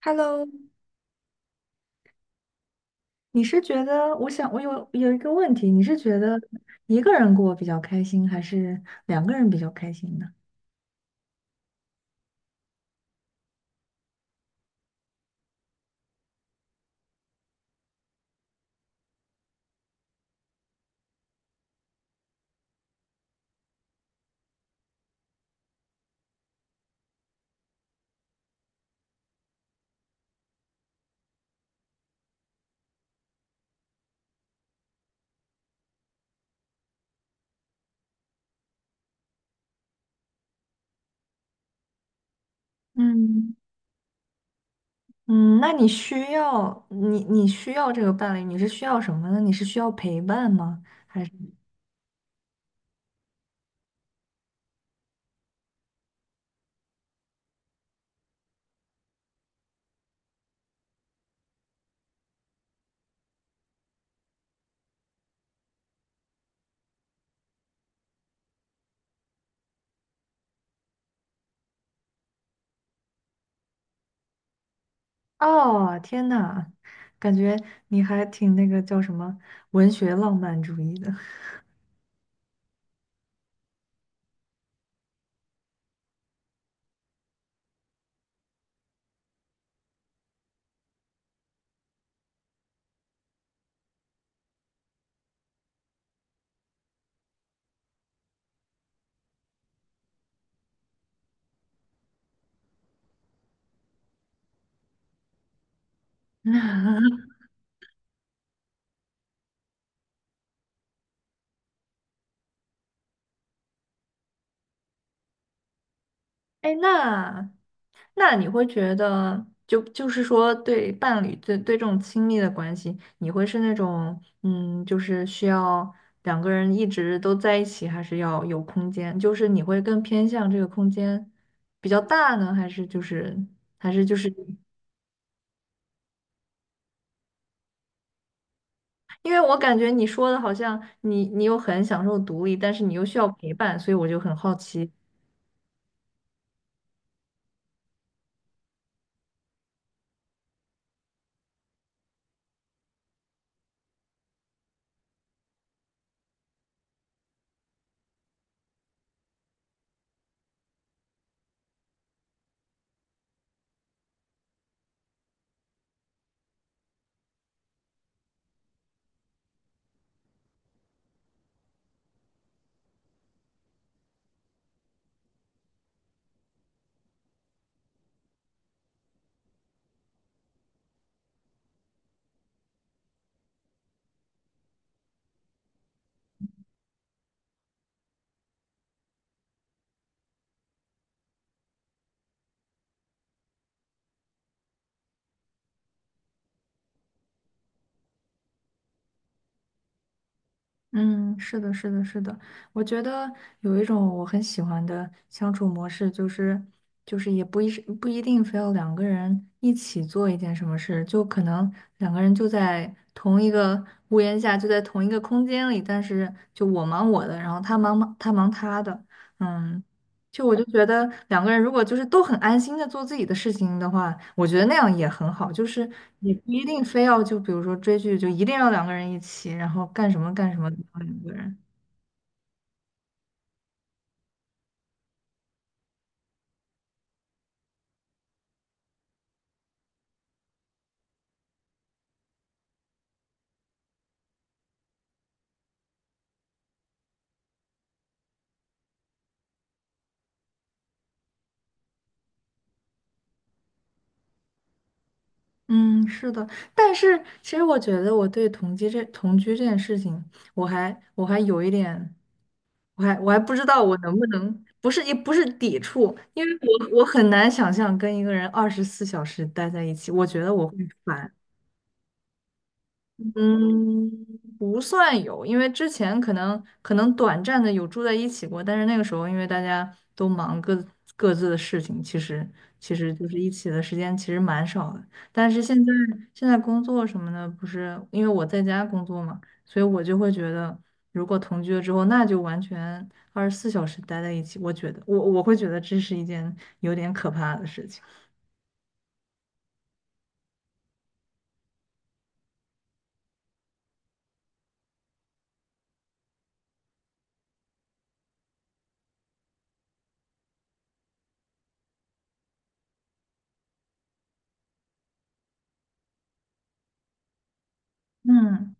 Hello，你是觉得，我想我有一个问题，你是觉得一个人过比较开心，还是两个人比较开心呢？嗯嗯，那你需要这个伴侣，你是需要什么呢？你是需要陪伴吗？还是？哦，天呐，感觉你还挺那个叫什么文学浪漫主义的。哎，那你会觉得，就是说，对伴侣，对这种亲密的关系，你会是那种，就是需要两个人一直都在一起，还是要有空间？就是你会更偏向这个空间比较大呢，还是就是，因为我感觉你说的好像你又很享受独立，但是你又需要陪伴，所以我就很好奇。嗯，是的，是的，是的。我觉得有一种我很喜欢的相处模式，就是就是也不一是不一定非要两个人一起做一件什么事，就可能两个人就在同一个屋檐下，就在同一个空间里，但是就我忙我的，然后他忙他的。嗯，就我就觉得两个人如果就是都很安心的做自己的事情的话，我觉得那样也很好。就是你不一定非要就比如说追剧，就一定要两个人一起，然后干什么干什么都要两个人。嗯，是的。但是其实我觉得我对同居这件事情，我还有一点，我还不知道我能不能，不是也不是抵触，因为我很难想象跟一个人二十四小时待在一起，我觉得我会烦。嗯，不算有，因为之前可能短暂的有住在一起过，但是那个时候因为大家都忙各自的事情，其实就是一起的时间其实蛮少的。但是现在工作什么的，不是因为我在家工作嘛，所以我就会觉得，如果同居了之后，那就完全二十四小时待在一起。我觉得我会觉得这是一件有点可怕的事情。嗯，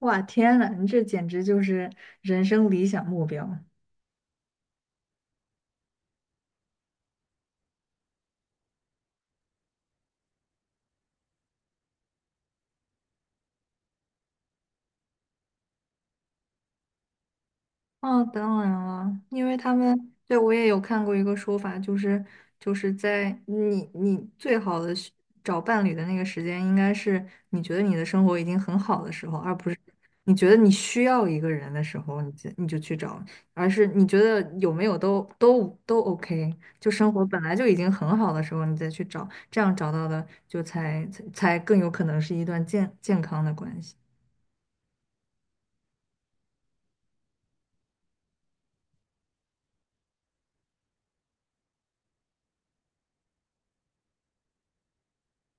哇，天呐，你这简直就是人生理想目标。哦，当然了，因为他们，对，我也有看过一个说法，就是在你你最好的时找伴侣的那个时间，应该是你觉得你的生活已经很好的时候，而不是你觉得你需要一个人的时候，你就去找，而是你觉得有没有都都 OK，就生活本来就已经很好的时候，你再去找，这样找到的就才更有可能是一段健康的关系。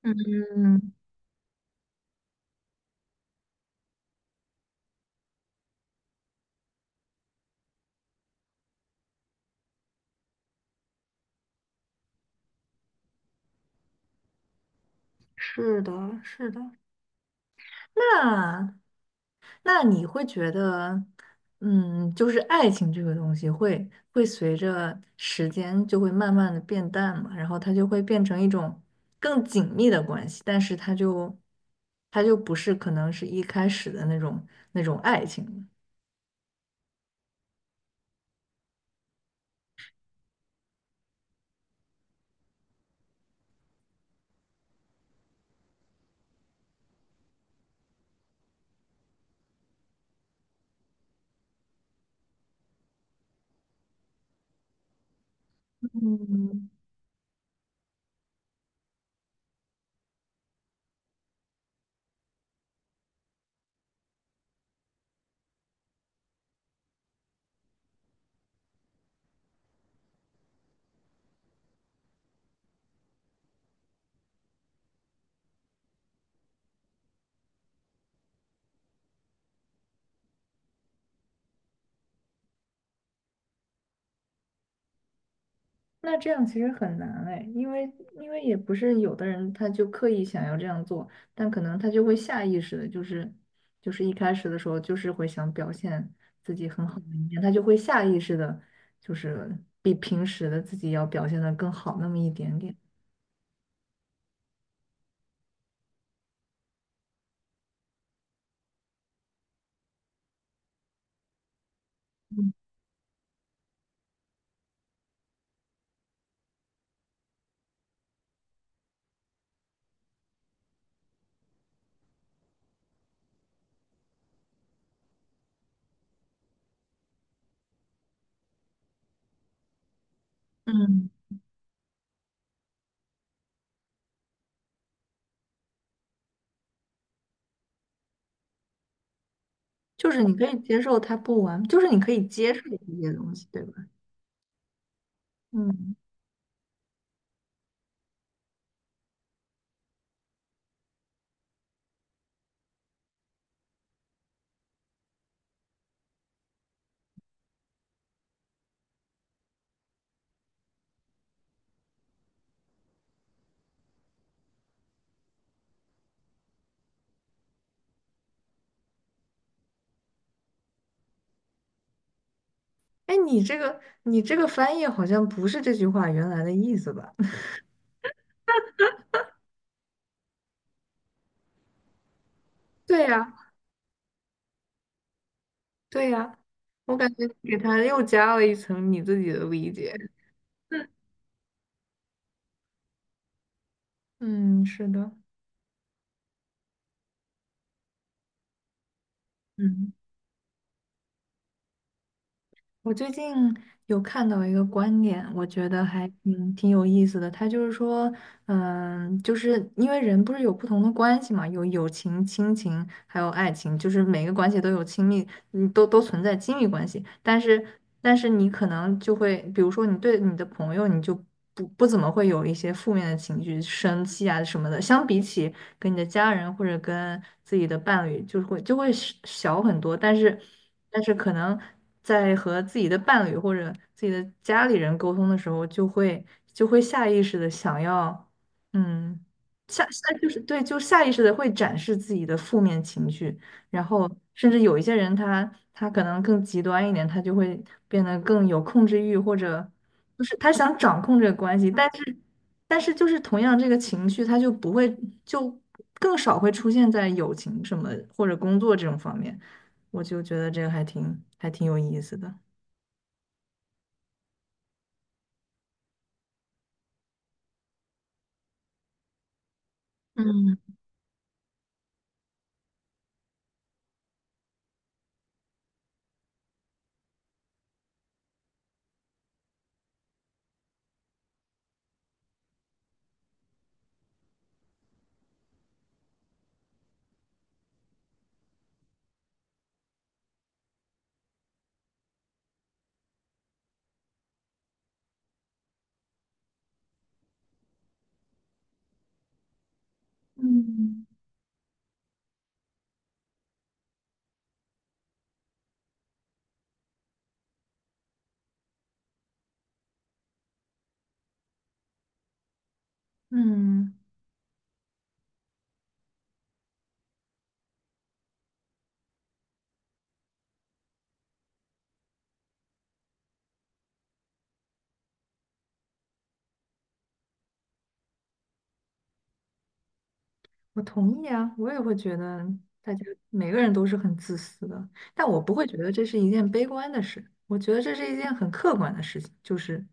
嗯，是的，是的。那。那你会觉得，就是爱情这个东西会随着时间就会慢慢的变淡嘛，然后它就会变成一种更紧密的关系，但是它就不是可能是一开始的那种爱情了。嗯，那这样其实很难哎，因为也不是有的人他就刻意想要这样做，但可能他就会下意识的，就是一开始的时候就是会想表现自己很好的一面，他就会下意识的，就是比平时的自己要表现的更好那么一点点。嗯，就是你可以接受他不完，就是你可以接受一些东西，对吧？嗯，哎，你这个翻译好像不是这句话原来的意思吧？对呀、对呀，我感觉给他又加了一层你自己的理解。嗯，是的，嗯，我最近有看到一个观点，我觉得还挺有意思的。他就是说，就是因为人不是有不同的关系嘛，有友情、亲情，还有爱情，就是每个关系都有亲密，你都存在亲密关系。但是，你可能就会，比如说你对你的朋友，你就不怎么会有一些负面的情绪，生气啊什么的。相比起跟你的家人或者跟自己的伴侣，就是会小很多。但是，可能在和自己的伴侣或者自己的家里人沟通的时候，就会下意识的想要，嗯，下就是对，就下意识的会展示自己的负面情绪。然后甚至有一些人他可能更极端一点，他就会变得更有控制欲，或者就是他想掌控这个关系，但是就是同样这个情绪，它就不会就更少会出现在友情什么或者工作这种方面，我就觉得这个还挺有意思的。嗯，嗯，我同意啊，我也会觉得大家每个人都是很自私的，但我不会觉得这是一件悲观的事，我觉得这是一件很客观的事情，就是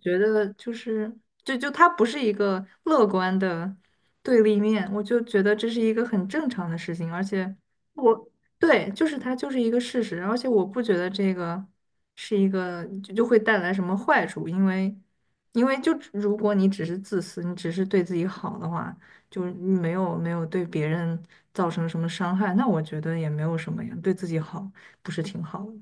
觉得就是，就它不是一个乐观的对立面，我就觉得这是一个很正常的事情，而且我对，就是它就是一个事实，而且我不觉得这个是一个就会带来什么坏处，因为如果你只是自私，你只是对自己好的话，就是你没有对别人造成什么伤害，那我觉得也没有什么呀，对自己好不是挺好的？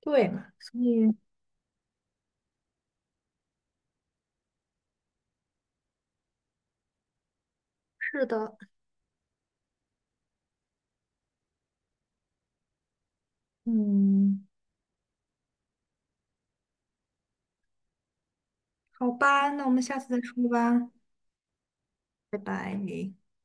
对嘛，所以是的，嗯。好吧，那我们下次再说吧，拜拜。